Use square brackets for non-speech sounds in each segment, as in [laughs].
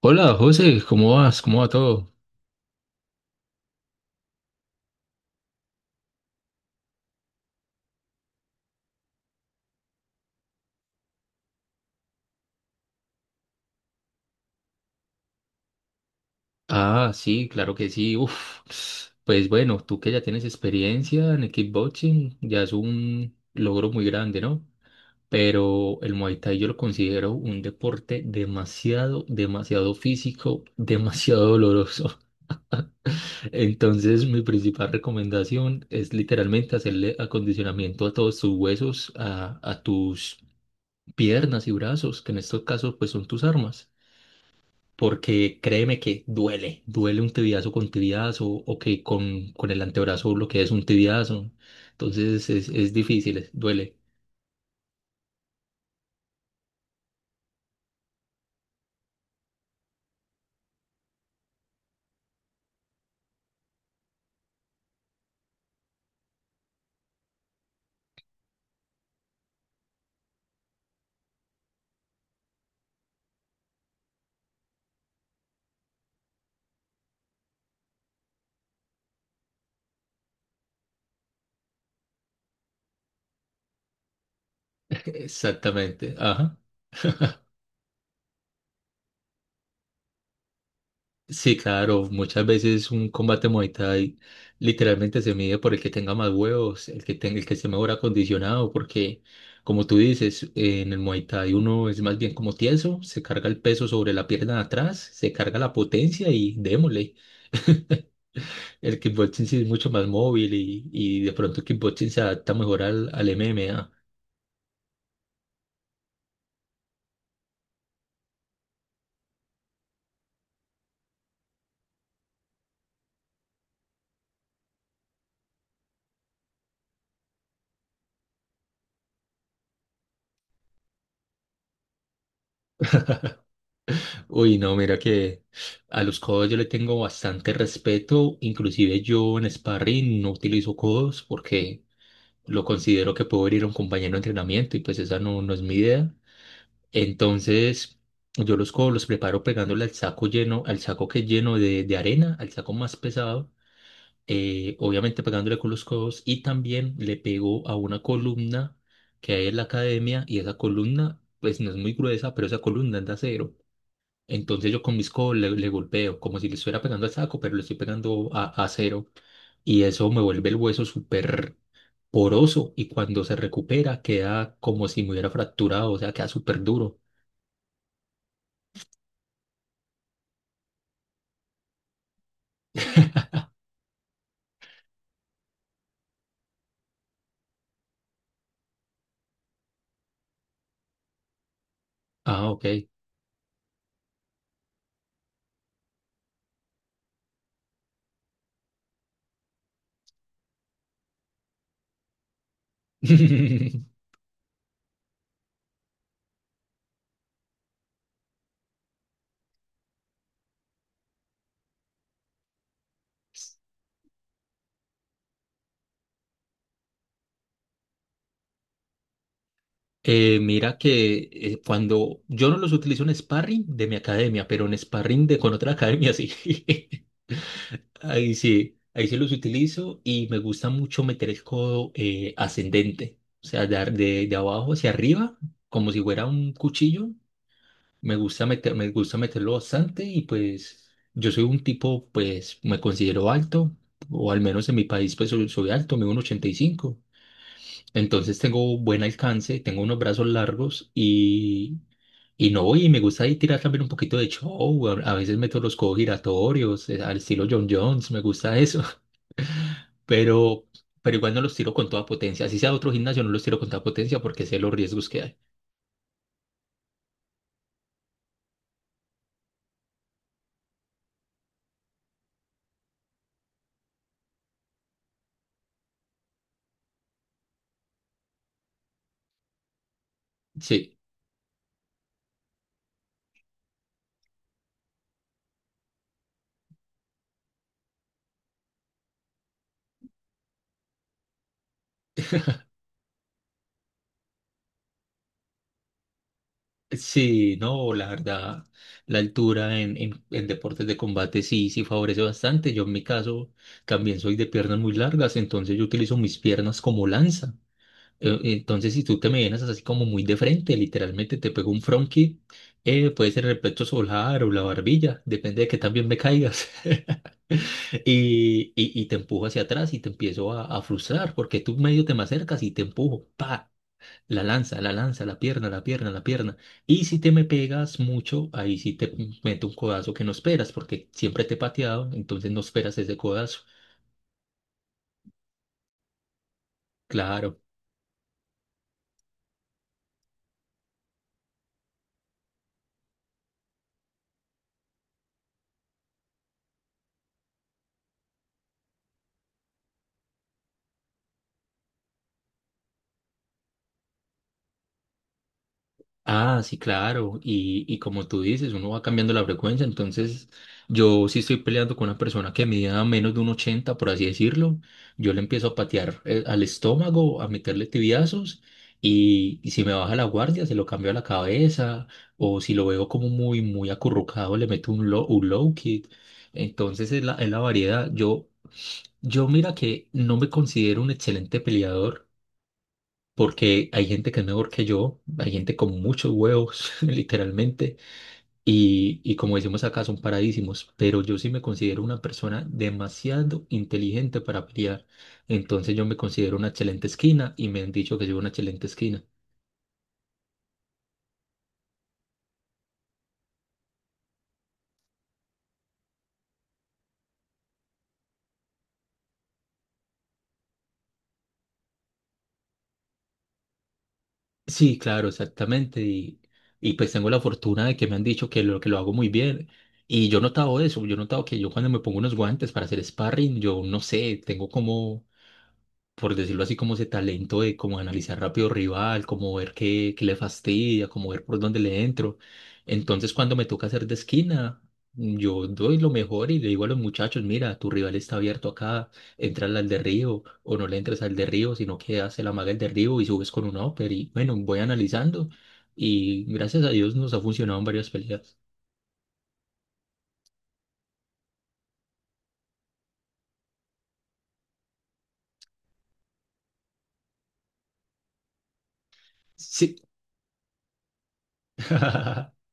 Hola José, ¿cómo vas? ¿Cómo va todo? Ah, sí, claro que sí. Uf, pues bueno, tú que ya tienes experiencia en el kickboxing, ya es un logro muy grande, ¿no? Pero el Muay Thai yo lo considero un deporte demasiado, demasiado físico, demasiado doloroso. [laughs] Entonces, mi principal recomendación es literalmente hacerle acondicionamiento a todos tus huesos, a tus piernas y brazos, que en estos casos pues son tus armas. Porque créeme que duele, duele un tibiazo con tibiazo o que con el antebrazo lo que es un tibiazo. Entonces es difícil, es- duele. Exactamente, ajá. Sí, claro, muchas veces un combate Muay Thai literalmente se mide por el que tenga más huevos, el que tenga, el que esté mejor acondicionado, porque como tú dices, en el Muay Thai uno es más bien como tieso, se carga el peso sobre la pierna de atrás, se carga la potencia y démosle. El kickboxing sí es mucho más móvil y de pronto el kickboxing se adapta mejor al MMA. Uy, no, mira que a los codos yo le tengo bastante respeto. Inclusive yo en sparring no utilizo codos porque lo considero que puedo herir a un compañero de entrenamiento y pues esa no, no es mi idea. Entonces yo los codos los preparo pegándole al saco lleno, al saco que es lleno de arena, al saco más pesado. Obviamente pegándole con los codos, y también le pegó a una columna que hay en la academia, y esa columna, pues no es muy gruesa, pero esa columna es de acero. Entonces yo con mis codos le, le golpeo, como si le estuviera pegando al saco, pero le estoy pegando a acero, y eso me vuelve el hueso súper poroso, y cuando se recupera queda como si me hubiera fracturado, o sea, queda súper duro. Ah, ok. [laughs] Mira que cuando yo no los utilizo en sparring de mi academia, pero en sparring de con otra academia sí. [laughs] Ahí sí los utilizo y me gusta mucho meter el codo ascendente, o sea, dar de abajo hacia arriba, como si fuera un cuchillo. Me gusta meter, me gusta meterlo bastante y pues yo soy un tipo, pues me considero alto, o al menos en mi país pues soy, soy alto, mido un 85. Entonces tengo buen alcance, tengo unos brazos largos y no, y me gusta ahí tirar también un poquito de show. A veces meto los codos giratorios, al estilo John Jones, me gusta eso. [laughs] Pero, pero igual no los tiro con toda potencia. Así sea otro gimnasio, no los tiro con toda potencia porque sé los riesgos que hay. Sí, sí, no, la verdad, la altura en deportes de combate sí, sí favorece bastante. Yo en mi caso también soy de piernas muy largas, entonces yo utilizo mis piernas como lanza. Entonces, si tú te me vienes así como muy de frente, literalmente te pego un front kick, puede ser el pecho solar o la barbilla, depende de que también me caigas. [laughs] Y te empujo hacia atrás y te empiezo a frustrar porque tú medio te me acercas y te empujo, pa, la lanza, la lanza, la pierna, la pierna, la pierna. Y si te me pegas mucho, ahí sí te meto un codazo que no esperas porque siempre te he pateado, entonces no esperas ese codazo. Claro. Ah, sí, claro. Y como tú dices, uno va cambiando la frecuencia. Entonces, yo si estoy peleando con una persona que mida menos de un 80, por así decirlo, yo le empiezo a patear al estómago, a meterle tibiazos. Y si me baja la guardia, se lo cambio a la cabeza. O si lo veo como muy, muy acurrucado, le meto un low kick. Entonces, es la variedad. Yo mira que no me considero un excelente peleador porque hay gente que es mejor que yo, hay gente con muchos huevos, [laughs] literalmente, y como decimos acá, son paradísimos, pero yo sí me considero una persona demasiado inteligente para pelear, entonces yo me considero una excelente esquina y me han dicho que soy una excelente esquina. Sí, claro, exactamente, y pues tengo la fortuna de que me han dicho que lo hago muy bien. Y yo he notado eso, yo he notado que yo cuando me pongo unos guantes para hacer sparring, yo no sé, tengo como por decirlo así, como ese talento de como analizar rápido rival, como ver qué, qué le fastidia, como ver por dónde le entro. Entonces, cuando me toca hacer de esquina, yo doy lo mejor y le digo a los muchachos, mira, tu rival está abierto acá, entra al derribo o no le entres al derribo, sino que hace la maga el derribo y subes con un upper y bueno, voy analizando y gracias a Dios nos ha funcionado en varias peleas. Sí. [laughs]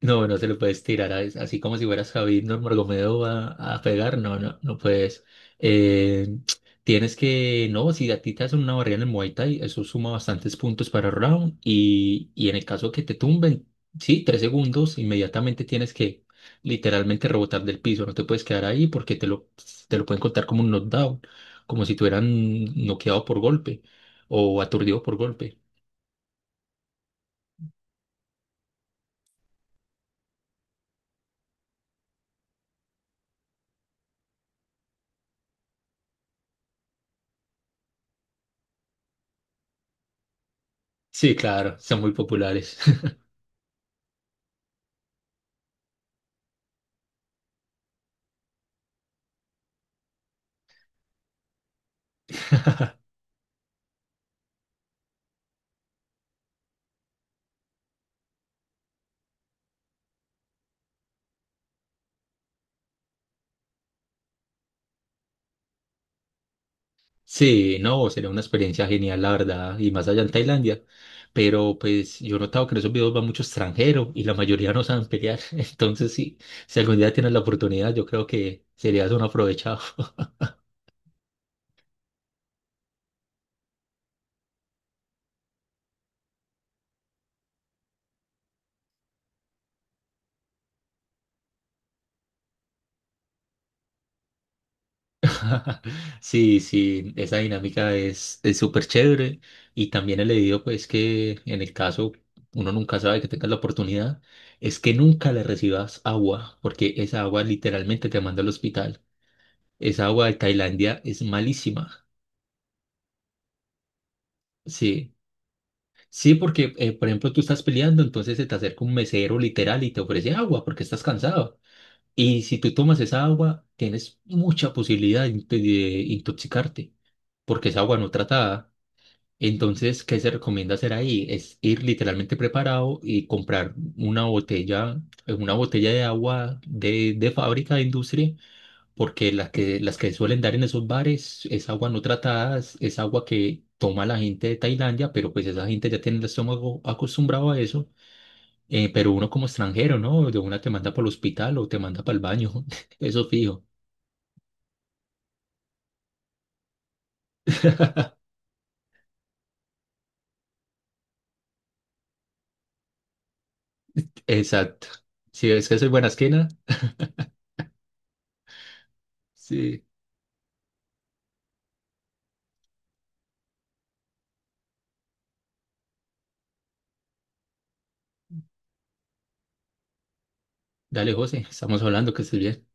No, no se lo puedes tirar a- así como si fueras Javid Nurmagomedov a pegar. No, no, no puedes. Eh, Tienes que, no, si a ti te hacen una barrida en el Muay Thai, eso suma bastantes puntos para round. Y en el caso que te tumben, sí, tres segundos, inmediatamente tienes que literalmente rebotar del piso. No te puedes quedar ahí porque te te lo pueden contar como un knockdown, como si te hubieran noqueado por golpe o aturdido por golpe. Sí, claro, son muy populares. Sí, no, sería una experiencia genial, la verdad, y más allá en Tailandia. Pero pues yo he notado que en esos videos va mucho extranjero y la mayoría no saben pelear. [laughs] Entonces, sí, si algún día tienes la oportunidad, yo creo que serías un aprovechado. [laughs] Sí, sí, esa dinámica es súper chévere. Y también he leído, pues, que en el caso uno nunca sabe que tengas la oportunidad, es que nunca le recibas agua, porque esa agua literalmente te manda al hospital. Esa agua de Tailandia es malísima. Sí. Sí, porque, por ejemplo, tú estás peleando, entonces se te acerca un mesero literal y te ofrece agua porque estás cansado. Y si tú tomas esa agua, tienes mucha posibilidad de, inte- de intoxicarte porque es agua no tratada. Entonces, ¿qué se recomienda hacer ahí? Es ir literalmente preparado y comprar una botella de agua de fábrica, de industria, porque las que suelen dar en esos bares es agua no tratada, es agua que toma la gente de Tailandia, pero pues esa gente ya tiene el estómago acostumbrado a eso, pero uno como extranjero, ¿no? De una te manda para el hospital o te manda para el baño, [laughs] eso fijo. Exacto. Si ves que soy buena esquina, sí. Dale, José, estamos hablando, que estés bien.